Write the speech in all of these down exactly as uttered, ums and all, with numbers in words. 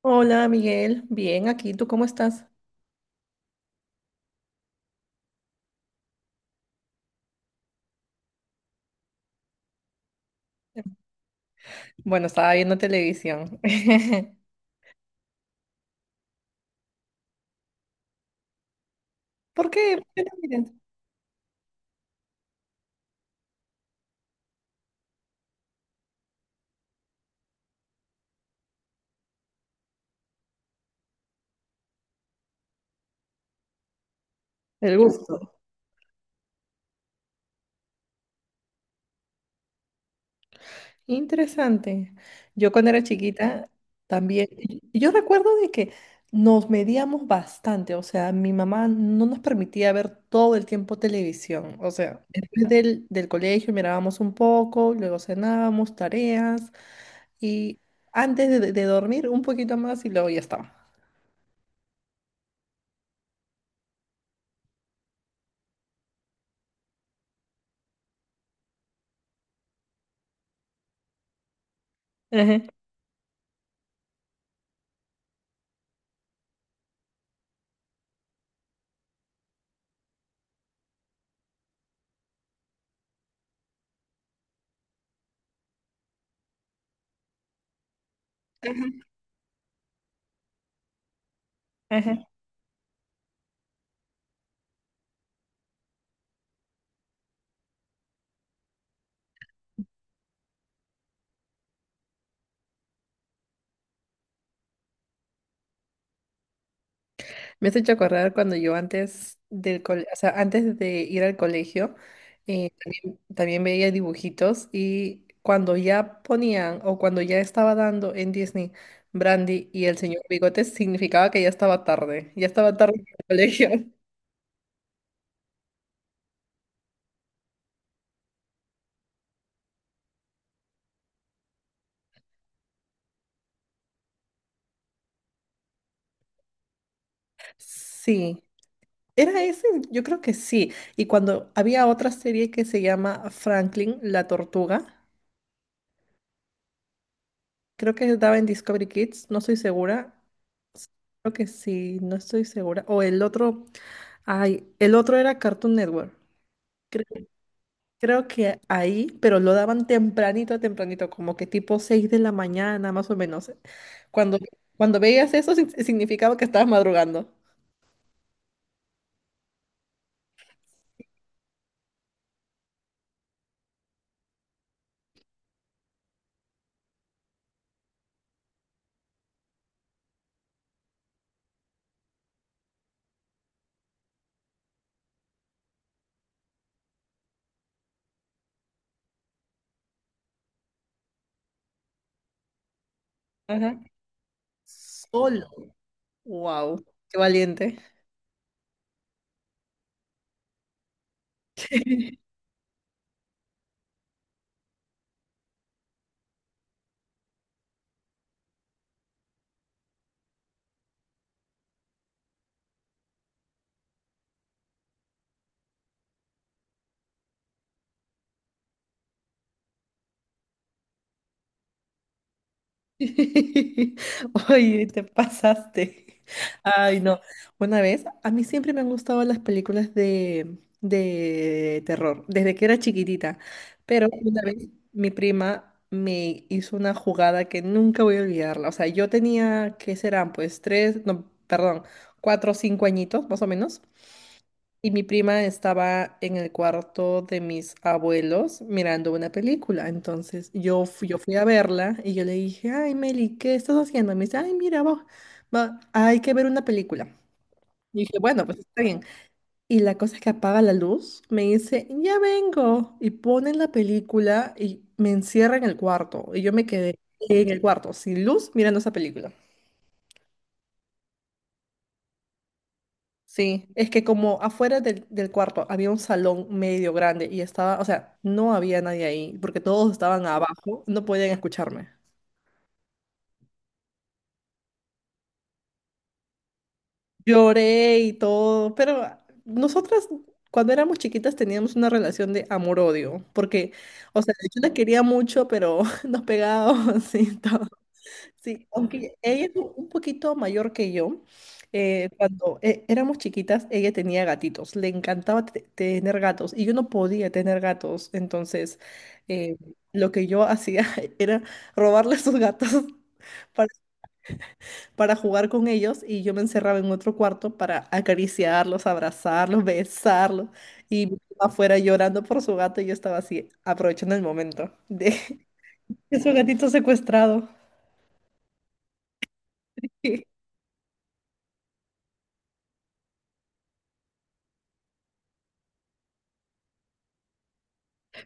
Hola Miguel, bien, aquí, ¿tú cómo estás? Bueno, estaba viendo televisión. ¿Por qué? ¿Por qué no miras? El gusto. Interesante. Yo cuando era chiquita también, y yo recuerdo de que nos medíamos bastante, o sea, mi mamá no nos permitía ver todo el tiempo televisión, o sea, después del, del colegio mirábamos un poco, luego cenábamos, tareas, y antes de, de dormir un poquito más y luego ya estaba. Ajá, ajá. Me has hecho acordar cuando yo antes del cole- o sea, antes de ir al colegio, eh, también, también veía dibujitos y cuando ya ponían o cuando ya estaba dando en Disney Brandy y el señor Bigotes, significaba que ya estaba tarde, ya estaba tarde en el colegio. Sí, era ese, yo creo que sí. Y cuando había otra serie que se llama Franklin, la tortuga, creo que daba en Discovery Kids, no estoy segura. Creo que sí, no estoy segura. O el otro. Ay, el otro era Cartoon Network. Cre- Creo, que ahí, pero lo daban tempranito, tempranito, como que tipo seis de la mañana, más o menos. Cuando, cuando veías eso, sin- significaba que estabas madrugando. Ajá. Solo. Wow, qué valiente. Oye, te pasaste. Ay, no. Una vez, a mí siempre me han gustado las películas de, de terror, desde que era chiquitita. Pero una vez mi prima me hizo una jugada que nunca voy a olvidarla. O sea, yo tenía, ¿qué serán? Pues tres, no, perdón, cuatro o cinco añitos, más o menos. Y mi prima estaba en el cuarto de mis abuelos mirando una película. Entonces yo fui, yo fui a verla y yo le dije, ay, Meli, ¿qué estás haciendo? Y me dice, ay, mira, vos, va- hay que ver una película. Y dije, bueno, pues está bien. Y la cosa es que apaga la luz, me dice, ya vengo. Y ponen la película y me encierra en el cuarto. Y yo me quedé en el cuarto, sin luz, mirando esa película. Sí, es que como afuera del, del cuarto había un salón medio grande y estaba, o sea, no había nadie ahí porque todos estaban abajo, no podían escucharme. Lloré y todo, pero nosotras cuando éramos chiquitas teníamos una relación de amor-odio, porque, o sea, yo la quería mucho, pero nos pegábamos y todo. Sí, aunque ella es un un poquito mayor que yo, eh, cuando eh, éramos chiquitas, ella tenía gatitos, le encantaba te- tener gatos y yo no podía tener gatos, entonces eh, lo que yo hacía era robarle sus gatos para, para jugar con ellos y yo me encerraba en otro cuarto para acariciarlos, abrazarlos, besarlos y mi mamá fuera llorando por su gato y yo estaba así aprovechando el momento de, de su gatito secuestrado.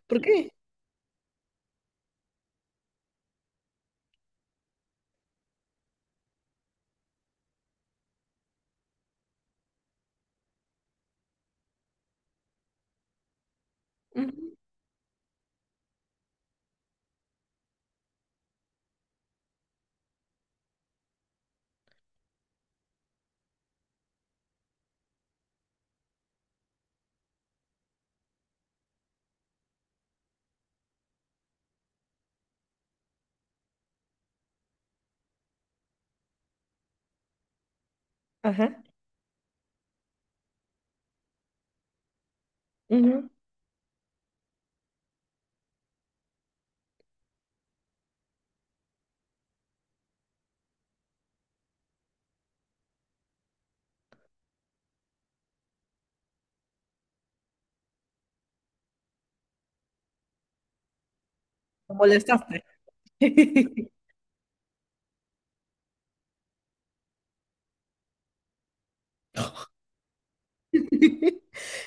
¿Por qué? Ajá. Ujú. Lo molestaste.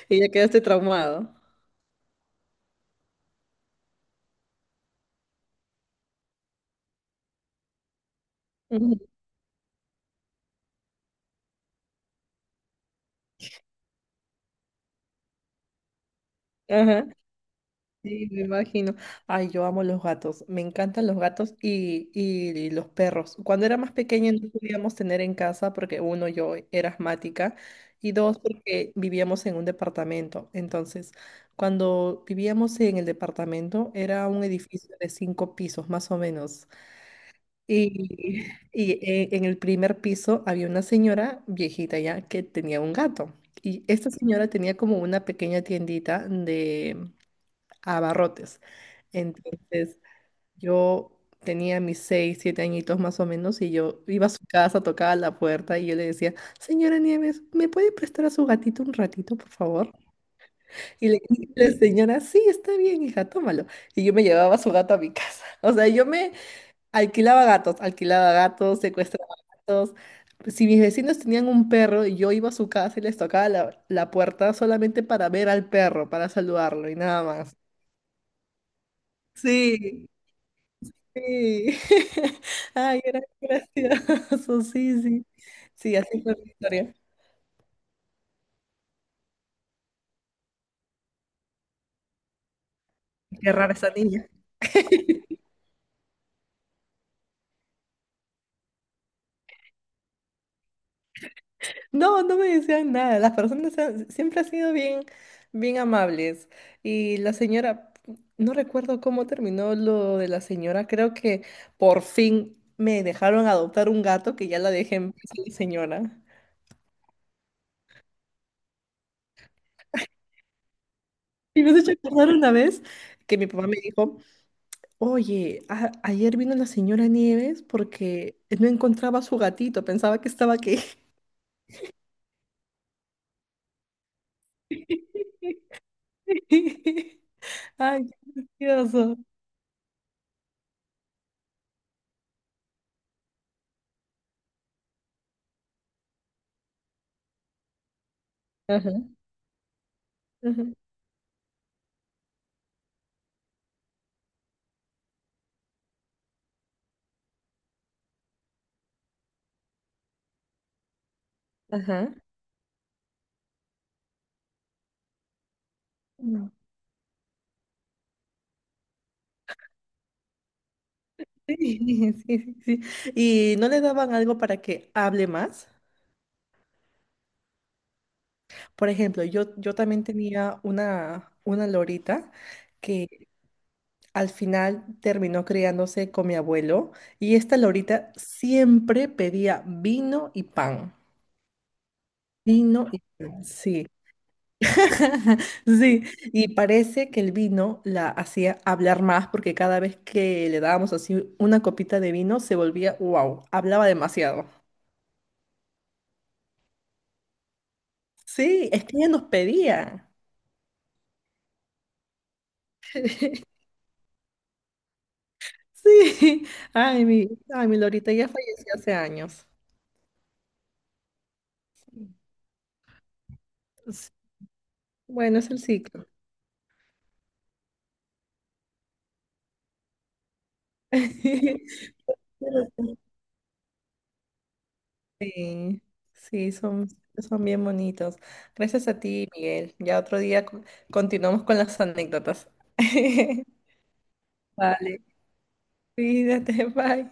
Y ya quedaste traumado. Ujú, ajá. Sí, me imagino. Ay, yo amo los gatos. Me encantan los gatos y, y los perros. Cuando era más pequeña no podíamos tener en casa porque uno, yo era asmática y dos, porque vivíamos en un departamento. Entonces, cuando vivíamos en el departamento era un edificio de cinco pisos más o menos. Y, y e- en el primer piso había una señora viejita ya que tenía un gato. Y esta señora tenía como una pequeña tiendita de abarrotes. Entonces yo tenía mis seis, siete añitos más o menos y yo iba a su casa, tocaba la puerta y yo le decía, señora Nieves, ¿me puede prestar a su gatito un ratito, por favor? Y le y la señora, sí, está bien, hija, tómalo. Y yo me llevaba a su gato a mi casa. O sea, yo me... Alquilaba gatos, alquilaba gatos, secuestraba gatos. Si mis vecinos tenían un perro y yo iba a su casa y les tocaba la, la puerta solamente para ver al perro, para saludarlo y nada más. Sí, sí. Ay, era gracioso, sí, sí. Sí, así fue mi historia. Qué rara esa niña. No, no me decían nada. Las personas han- siempre han sido bien, bien amables. Y la señora, no recuerdo cómo terminó lo de la señora. Creo que por fin me dejaron adoptar un gato que ya la dejé en paz a la señora. Y me has hecho acordar una vez que mi papá me dijo, oye, a- ayer vino la señora Nieves porque no encontraba a su gatito, pensaba que estaba aquí. Ay, qué gracioso. Ajá, ajá, ajá. Sí, sí, sí. Sí. Y no le daban algo para que hable más. Por ejemplo, yo, yo también tenía una, una lorita que al final terminó criándose con mi abuelo y esta lorita siempre pedía vino y pan. Vino y pan, sí. Sí, y parece que el vino la hacía hablar más porque cada vez que le dábamos así una copita de vino se volvía, wow, hablaba demasiado. Sí, es que ella nos pedía. Sí, ay, mi, ay, mi Lorita ya falleció hace años. Sí, bueno, es el ciclo. Pero sí, sí, son, son bien bonitos. Gracias a ti, Miguel. Ya otro día co- continuamos con las anécdotas. Vale, cuídate, bye.